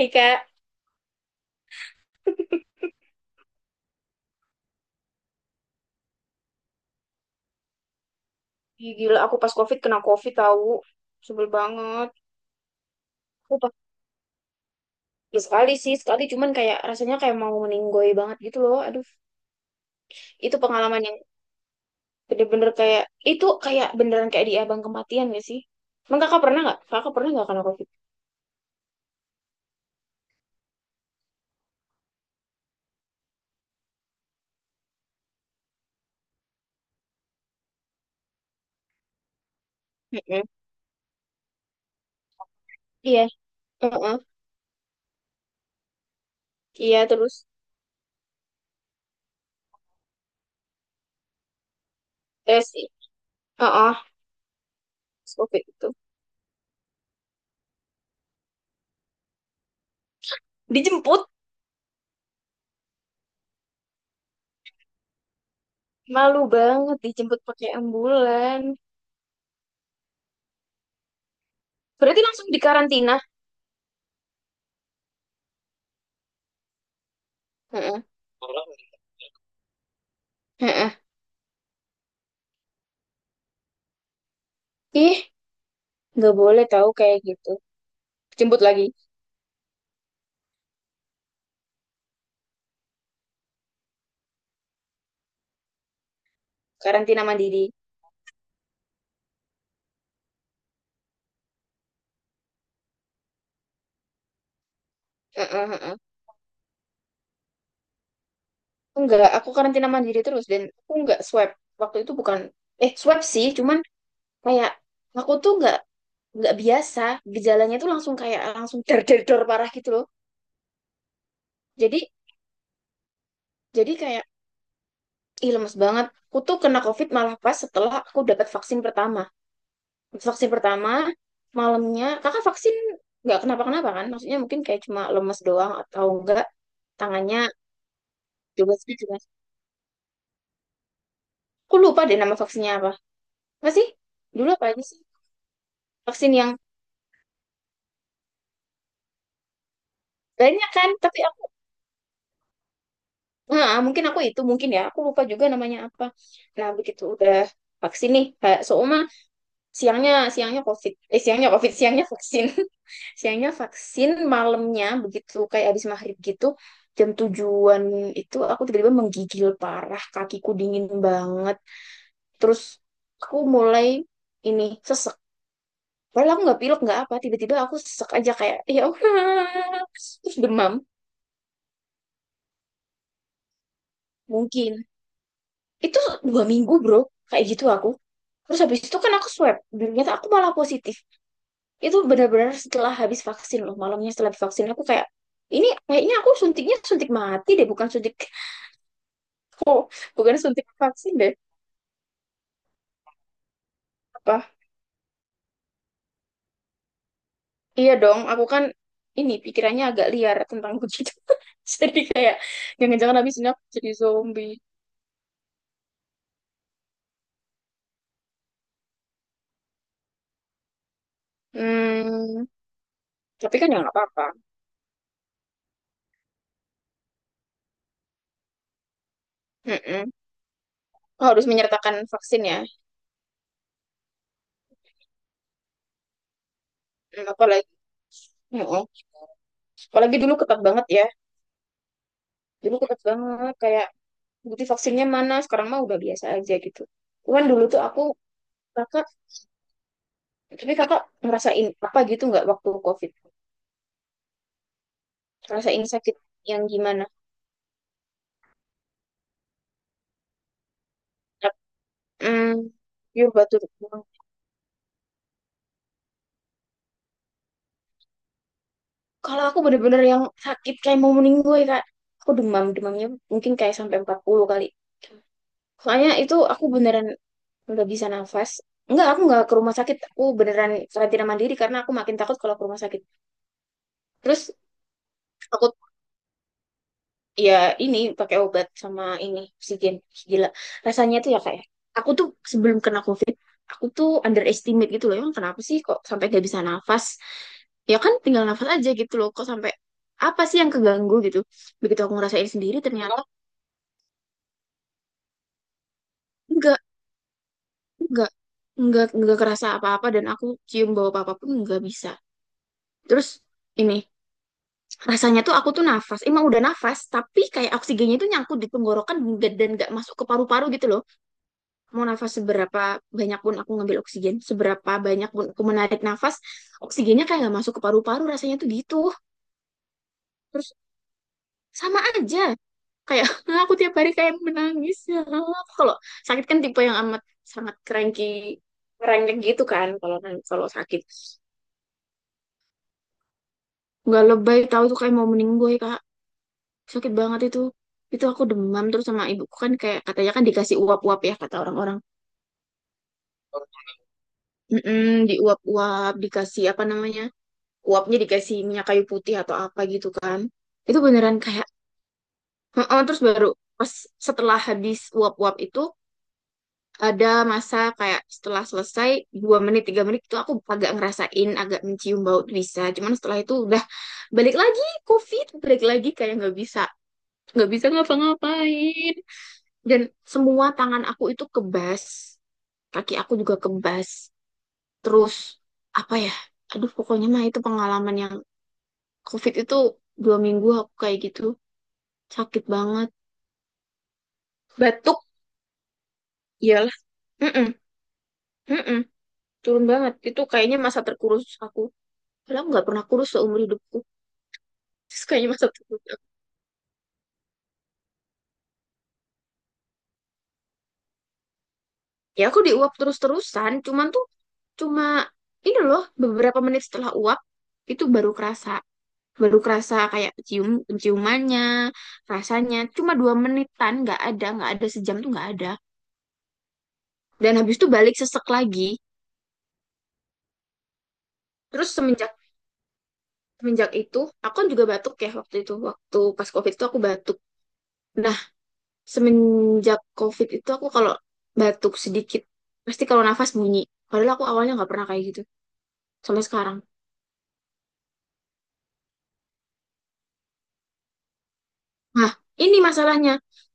Ih, kayak gila aku pas COVID kena COVID tahu sebel banget. Aku pas ya sekali sih sekali cuman kayak rasanya kayak mau meninggoy banget gitu loh. Aduh itu pengalaman yang bener-bener kayak itu kayak beneran kayak di abang kematian gak sih? Emang kakak pernah nggak? Kakak pernah nggak kena COVID? Mm-mm. Iya. Heeh. Iya terus tes. Heeh. Pas COVID itu dijemput, malu banget dijemput pakai ambulan. Berarti langsung dikarantina. Heeh. Heeh. Ih, nggak boleh tahu kayak gitu. Jemput lagi. Karantina mandiri. Heeh, heeh. Enggak, aku karantina mandiri terus dan aku enggak swab. Waktu itu bukan swab sih, cuman kayak aku tuh enggak biasa, gejalanya tuh langsung kayak langsung der der dor parah gitu loh. Jadi jadi kayak ih lemes banget. Aku tuh kena COVID malah pas setelah aku dapat vaksin pertama. Vaksin pertama malamnya kakak vaksin nggak kenapa-kenapa kan? Maksudnya mungkin kayak cuma lemes doang atau enggak tangannya juga sih juga. Aku lupa deh nama vaksinnya apa. Apa sih? Dulu apa aja sih? Vaksin yang banyak kan tapi aku nah, mungkin aku itu mungkin ya aku lupa juga namanya apa, nah begitu udah vaksin nih kayak Souma, siangnya siangnya covid siangnya covid siangnya vaksin siangnya vaksin malamnya begitu kayak habis maghrib gitu, jam tujuan itu aku tiba-tiba menggigil parah, kakiku dingin banget, terus aku mulai ini sesek padahal aku nggak pilek nggak apa, tiba-tiba aku sesek aja kayak ya Allah." Terus demam, mungkin itu dua minggu bro kayak gitu aku, terus habis itu kan aku swab dan ternyata aku malah positif. Itu benar-benar setelah habis vaksin loh, malamnya setelah vaksin aku kayak ini kayaknya aku suntiknya suntik mati deh bukan suntik. Oh bukan suntik vaksin deh. Apa iya dong, aku kan ini pikirannya agak liar tentang begitu. Jadi kayak jangan-jangan habis ini aku jadi zombie. Hmm, tapi kan ya nggak apa-apa. Mm-mm. Harus menyertakan vaksin ya. Hmm, apalagi. Mm-mm. Apalagi dulu ketat banget ya, dulu ketat banget kayak bukti vaksinnya mana, sekarang mah udah biasa aja gitu, cuman dulu tuh aku kakak, tapi kakak ngerasain apa gitu nggak waktu covid, ngerasain sakit yang gimana. Hmm, pure batu doang. Kalau aku bener-bener yang sakit kayak mau meninggal kak, aku demam, demamnya mungkin kayak sampai 40 kali. Soalnya itu aku beneran nggak bisa nafas. Enggak, aku nggak ke rumah sakit. Aku beneran karantina mandiri karena aku makin takut kalau ke rumah sakit. Terus aku ya ini pakai obat sama ini oksigen. Gila rasanya tuh ya kayak, aku tuh sebelum kena COVID aku tuh underestimate gitu loh, emang kenapa sih kok sampai gak bisa nafas, ya kan tinggal nafas aja gitu loh kok sampai apa sih yang keganggu gitu. Begitu aku ngerasain sendiri ternyata enggak enggak enggak kerasa apa-apa, dan aku cium bau apa-apa pun enggak bisa. Terus ini rasanya tuh aku tuh nafas, emang udah nafas tapi kayak oksigennya itu nyangkut di tenggorokan, dan nggak masuk ke paru-paru gitu loh. Mau nafas seberapa banyak pun aku ngambil oksigen, seberapa banyak pun aku menarik nafas, oksigennya kayak nggak masuk ke paru-paru rasanya tuh gitu. Terus sama aja. Kayak aku tiap hari kayak menangis. Aku kalau sakit kan tipe yang amat sangat cranky, cranky gitu kan, kalau sakit. Gak lebay tahu tuh kayak mau meninggoy, Kak. Sakit banget itu. Itu aku demam terus, sama ibuku kan kayak katanya kan dikasih uap-uap ya kata orang-orang. Mm-mm, diuap-uap, dikasih apa namanya? Uapnya dikasih minyak kayu putih atau apa gitu kan. Itu beneran kayak heeh, terus baru pas setelah habis uap-uap itu ada masa kayak setelah selesai dua menit tiga menit itu aku agak ngerasain agak mencium bau tuh bisa, cuman setelah itu udah balik lagi COVID, balik lagi kayak nggak bisa ngapa-ngapain. Dan semua tangan aku itu kebas, kaki aku juga kebas, terus apa ya, aduh pokoknya mah itu pengalaman yang COVID itu dua minggu aku kayak gitu, sakit banget, batuk. Iyalah. Mm, turun banget itu, kayaknya masa terkurus aku, padahal nggak pernah kurus seumur hidupku, terus kayaknya masa terkurus aku. Ya aku diuap terus-terusan cuman tuh cuma ini loh beberapa menit setelah uap itu baru kerasa, baru kerasa kayak cium, ciumannya rasanya cuma dua menitan, nggak ada sejam tuh nggak ada, dan habis itu balik sesek lagi. Terus semenjak semenjak itu aku kan juga batuk ya waktu itu, waktu pas covid itu aku batuk. Nah, semenjak covid itu aku kalau batuk sedikit pasti kalau nafas bunyi, padahal aku awalnya nggak pernah kayak gitu sampai sekarang. Nah, ini masalahnya,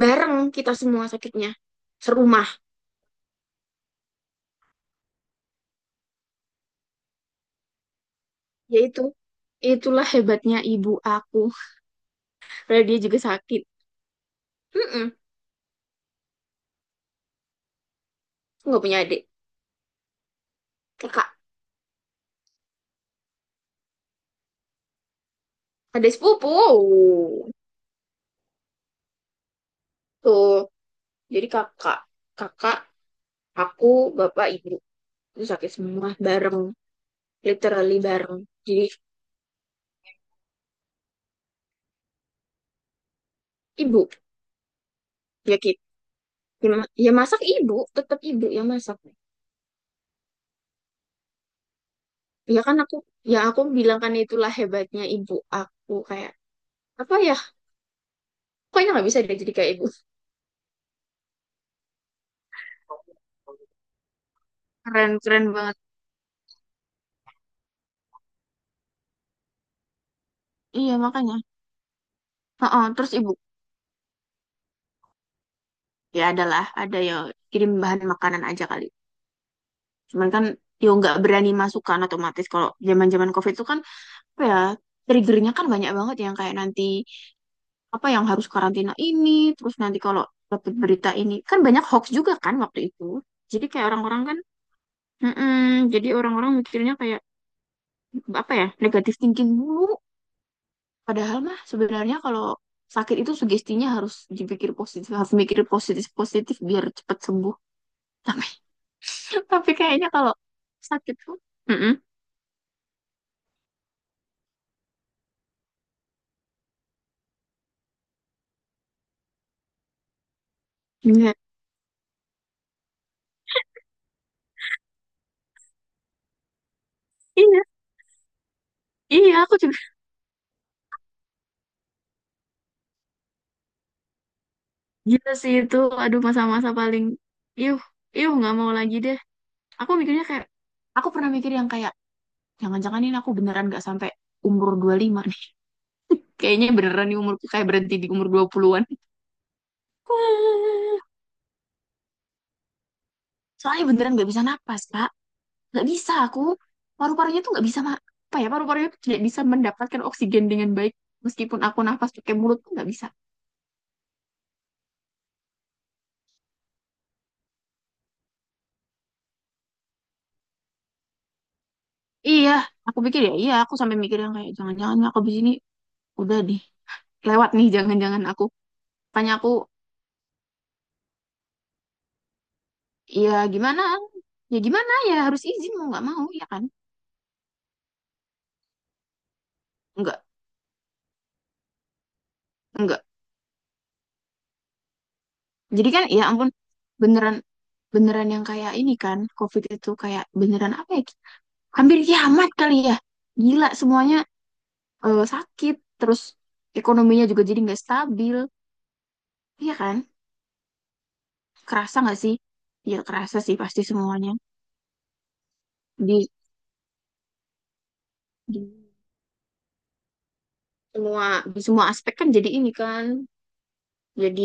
bareng kita semua sakitnya, serumah. Yaitu itulah hebatnya ibu aku, padahal dia juga sakit. Mm-mm. Aku nggak punya adik kakak, adik sepupu tuh. Jadi kakak kakak aku, bapak ibu itu sakit semua bareng, literally bareng. Jadi ibu, ya kita, ya masak ibu, tetap ibu yang masak. Ya kan aku, ya aku bilang kan itulah hebatnya ibu aku, kayak apa ya, pokoknya nggak bisa dia jadi kayak ibu. Keren, keren banget. Iya makanya. Heeh, terus ibu ya adalah ada ya, kirim bahan makanan aja kali, cuman kan ya nggak berani masukkan, otomatis kalau zaman zaman covid itu kan apa ya, triggernya kan banyak banget yang kayak nanti apa yang harus karantina ini, terus nanti kalau dapat berita ini, kan banyak hoax juga kan waktu itu. Jadi kayak orang-orang kan, mm-mm, jadi orang-orang mikirnya kayak apa ya, negatif thinking dulu. Padahal mah sebenarnya kalau sakit itu sugestinya harus dipikir positif, harus mikir positif-positif biar cepat sembuh. Tapi, tapi kayaknya kalau sakit tuh, mm-mm, iya, iya, iya, aku juga. Gila sih itu, aduh masa-masa paling, yuh, yuh nggak mau lagi deh. Aku mikirnya kayak aku pernah mikir yang kayak jangan-jangan ini aku beneran gak sampai umur 25 nih. Kayaknya beneran di umur kayak berhenti di umur dua an. Soalnya beneran gak bisa napas, Kak. Gak bisa aku. Paru-parunya tuh gak bisa, apa ya, paru-parunya tuh tidak bisa mendapatkan oksigen dengan baik. Meskipun aku nafas pakai mulut tuh gak bisa. Iya, aku pikir ya, iya aku sampai mikir yang kayak, jangan-jangan aku di sini udah deh. Lewat nih, jangan-jangan aku. Tanya aku, ya gimana? Ya gimana ya, harus izin mau gak mau, ya kan? Enggak, enggak. Jadi kan ya ampun, beneran beneran yang kayak ini kan COVID itu kayak beneran apa ya? Hampir kiamat kali ya. Gila semuanya sakit, terus ekonominya juga jadi nggak stabil. Iya kan? Kerasa nggak sih? Ya kerasa sih pasti semuanya. Di, di semua, di semua aspek kan jadi ini kan jadi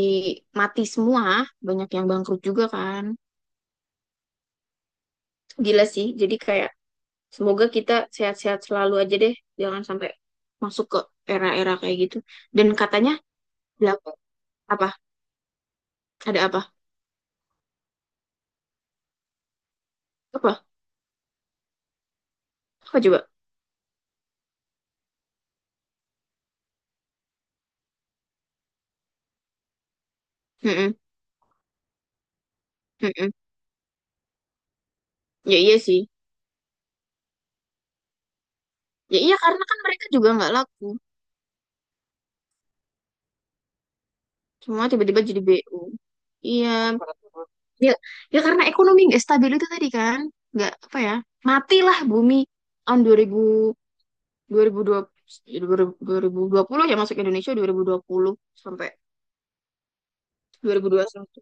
mati semua, banyak yang bangkrut juga kan. Gila sih. Jadi kayak semoga kita sehat-sehat selalu aja deh. Jangan sampai masuk ke era-era kayak gitu. Dan katanya, belakang apa? Ada apa? Apa? Apa coba? Mm-mm. Mm-mm. Ya iya sih. Ya iya karena kan mereka juga nggak laku. Semua tiba-tiba jadi BU. Iya. Ya, ya karena ekonomi nggak stabil itu tadi kan. Nggak apa ya. Matilah bumi tahun 2000, 2020, dua ribu ribu ribu dua puluh ya, masuk Indonesia dua dua ribu dua puluh sampai dua dua ribu dua puluh satu.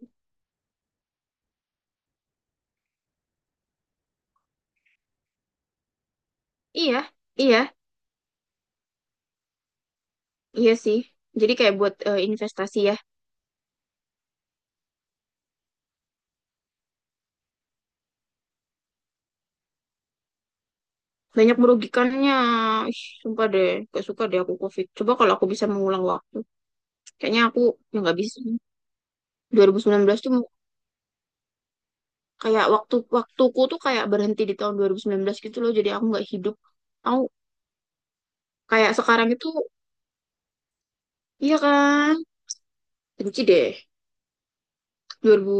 Iya, iya. Iya sih. Jadi kayak buat investasi ya. Banyak merugikannya. Ih, sumpah deh. Gak suka deh aku COVID. Coba kalau aku bisa mengulang waktu. Kayaknya aku ya nggak bisa. 2019 tuh kayak waktu waktuku tuh kayak berhenti di tahun 2019 gitu loh. Jadi aku nggak hidup. Aku kayak sekarang itu, iya kan? Benci deh. 2000.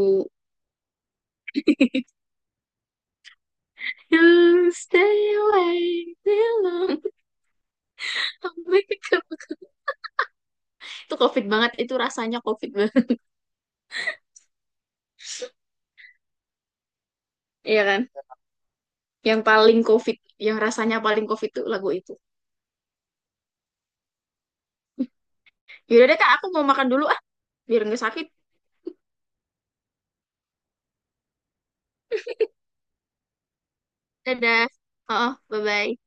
You stay away too long. Aku pikir- itu COVID banget. Itu rasanya COVID banget. Iya kan? Yang paling COVID, yang rasanya paling COVID tuh lagu itu. Yaudah deh kak, aku mau makan dulu ah, biar nggak sakit. Dadah. Oh, bye-bye.